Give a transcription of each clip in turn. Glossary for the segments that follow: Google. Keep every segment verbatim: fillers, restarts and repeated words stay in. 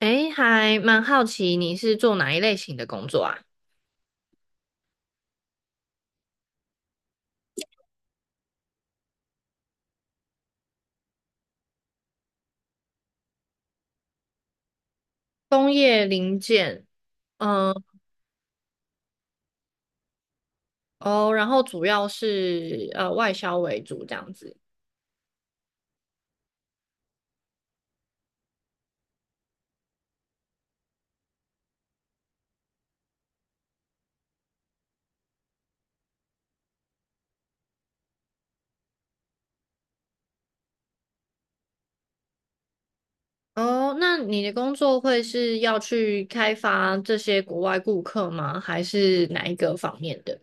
诶，还蛮好奇你是做哪一类型的工作啊？工业零件，嗯，哦，然后主要是呃外销为主这样子。哦，那你的工作会是要去开发这些国外顾客吗？还是哪一个方面的？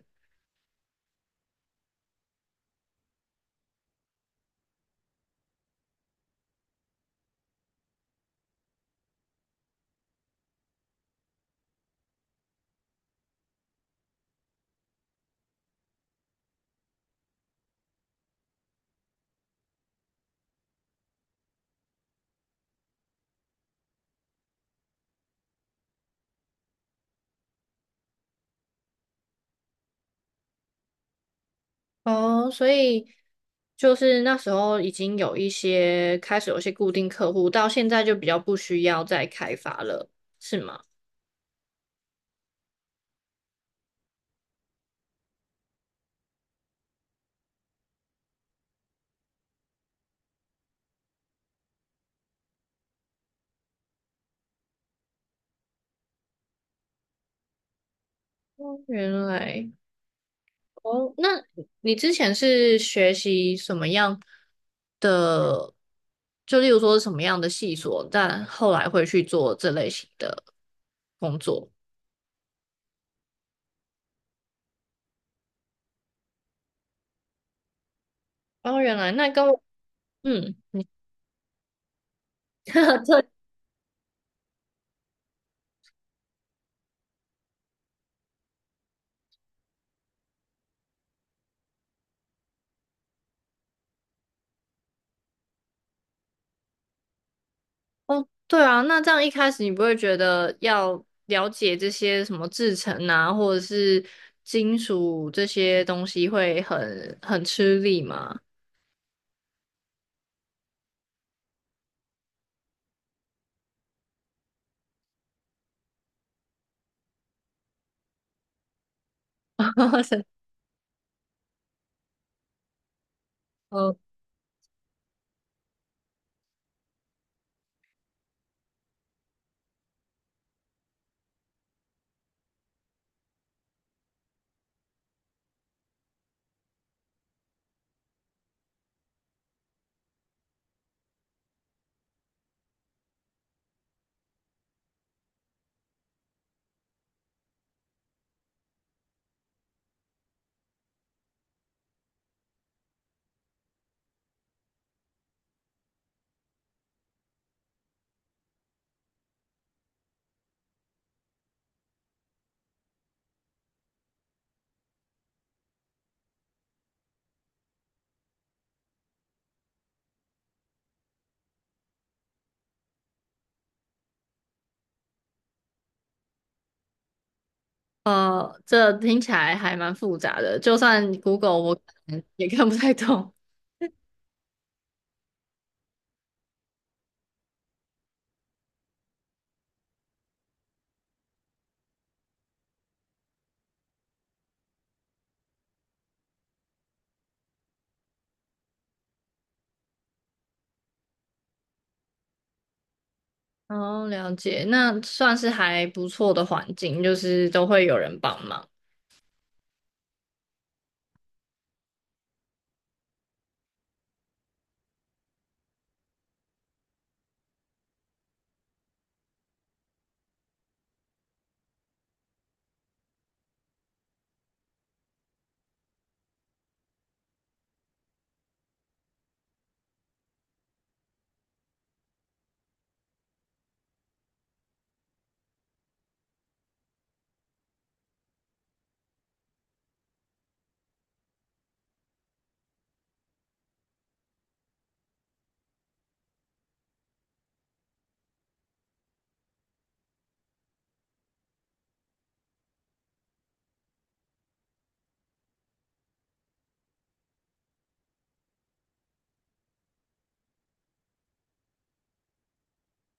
哦，所以就是那时候已经有一些开始有一些固定客户，到现在就比较不需要再开发了，是吗？哦，原来。哦，那你之前是学习什么样的？就例如说什么样的细所，但后来会去做这类型的工作。哦，原来那跟我嗯，对哦，对啊，那这样一开始你不会觉得要了解这些什么制成啊，或者是金属这些东西会很很吃力吗？哦。呃，这听起来还蛮复杂的，就算 Google 我可能也看不太懂。哦，了解，那算是还不错的环境，就是都会有人帮忙。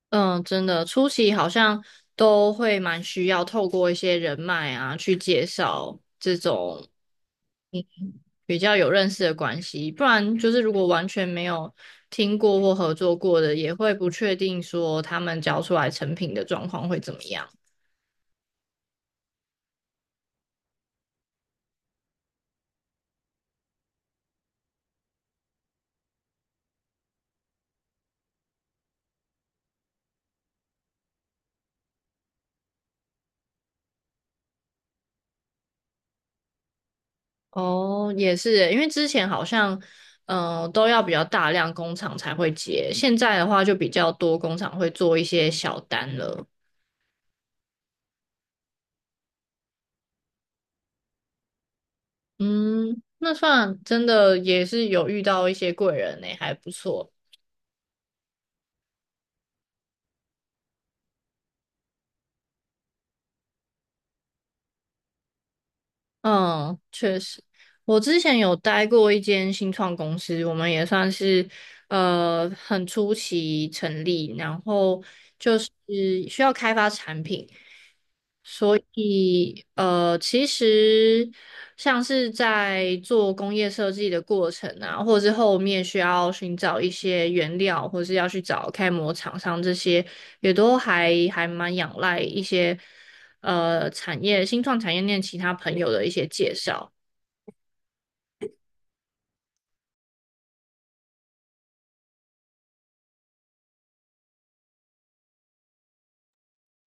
嗯，真的，初期好像都会蛮需要透过一些人脉啊，去介绍这种嗯比较有认识的关系，不然就是如果完全没有听过或合作过的，也会不确定说他们交出来成品的状况会怎么样。哦，也是耶，因为之前好像，嗯、都要比较大量工厂才会接，现在的话就比较多工厂会做一些小单了。嗯，那算真的也是有遇到一些贵人呢、还不错。嗯，确实，我之前有待过一间新创公司，我们也算是呃很初期成立，然后就是需要开发产品。所以，呃，其实像是在做工业设计的过程啊，或者是后面需要寻找一些原料，或是要去找开模厂商这些，也都还还蛮仰赖一些呃产业新创产业链其他朋友的一些介绍。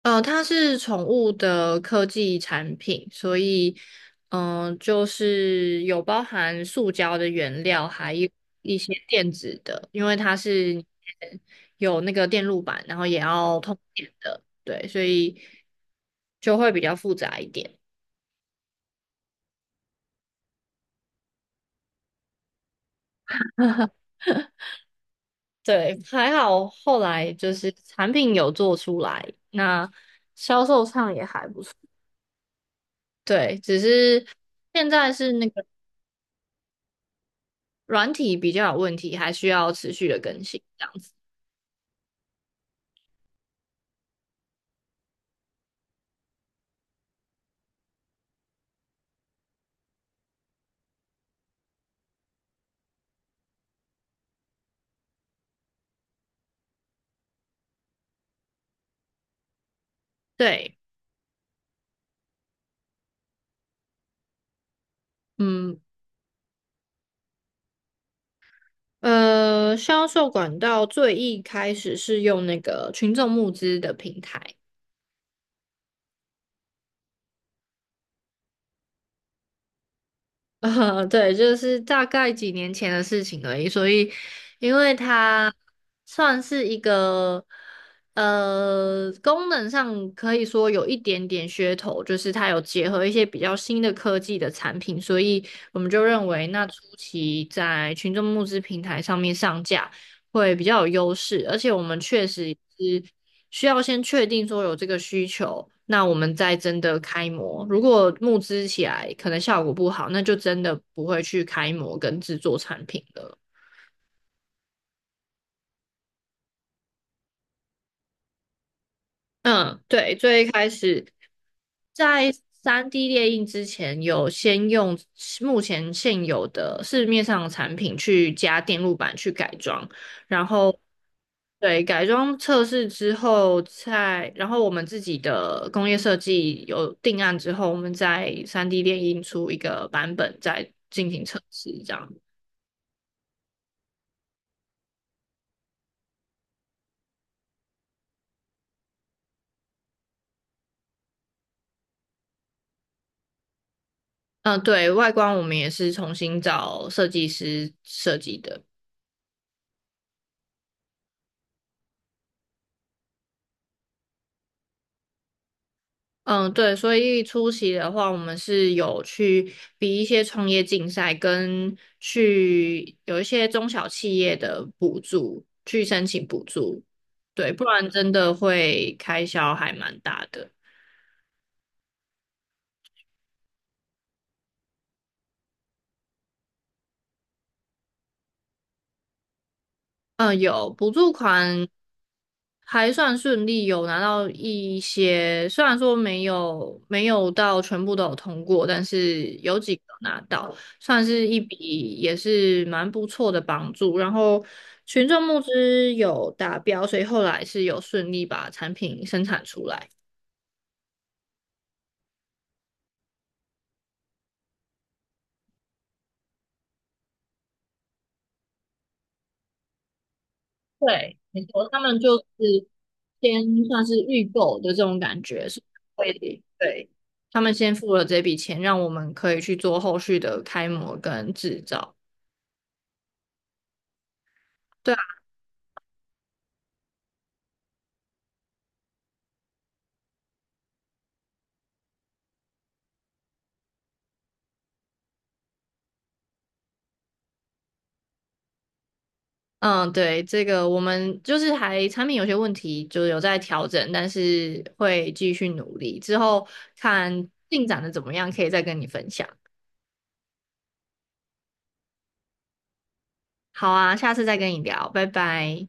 呃，它是宠物的科技产品，所以，嗯、就是有包含塑胶的原料，还有一些电子的，因为它是有那个电路板，然后也要通电的，对，所以就会比较复杂一点。对，还好后来就是产品有做出来，那销售上也还不错。对，只是现在是那个。软体比较有问题，还需要持续的更新。对，嗯，呃，销售管道最一开始是用那个群众募资的平台，呃，对，就是大概几年前的事情而已。所以，因为它算是一个呃功能上可以说有一点点噱头，就是它有结合一些比较新的科技的产品，所以我们就认为那初期在群众募资平台上面上架。会比较有优势，而且我们确实是需要先确定说有这个需求，那我们再真的开模。如果募资起来可能效果不好，那就真的不会去开模跟制作产品了。嗯，对，最一开始在三 d 列印之前，有先用目前现有的市面上的产品去加电路板去改装，然后对改装测试之后再，然后我们自己的工业设计有定案之后，我们再三 d 列印出一个版本再进行测试，这样。嗯，对，外观我们也是重新找设计师设计的。嗯，对，所以出席的话，我们是有去比一些创业竞赛，跟去有一些中小企业的补助，去申请补助，对，不然真的会开销还蛮大的。嗯，有补助款还算顺利，有拿到一些，虽然说没有没有到全部都有通过，但是有几个拿到，算是一笔也是蛮不错的帮助。然后群众募资有达标，所以后来是有顺利把产品生产出来。对，没错，他们就是先算是预购的这种感觉，是会对，他们先付了这笔钱，让我们可以去做后续的开模跟制造。对嗯，对，这个我们就是还产品有些问题，就是有在调整，但是会继续努力，之后看进展的怎么样，可以再跟你分享。好啊，下次再跟你聊，拜拜。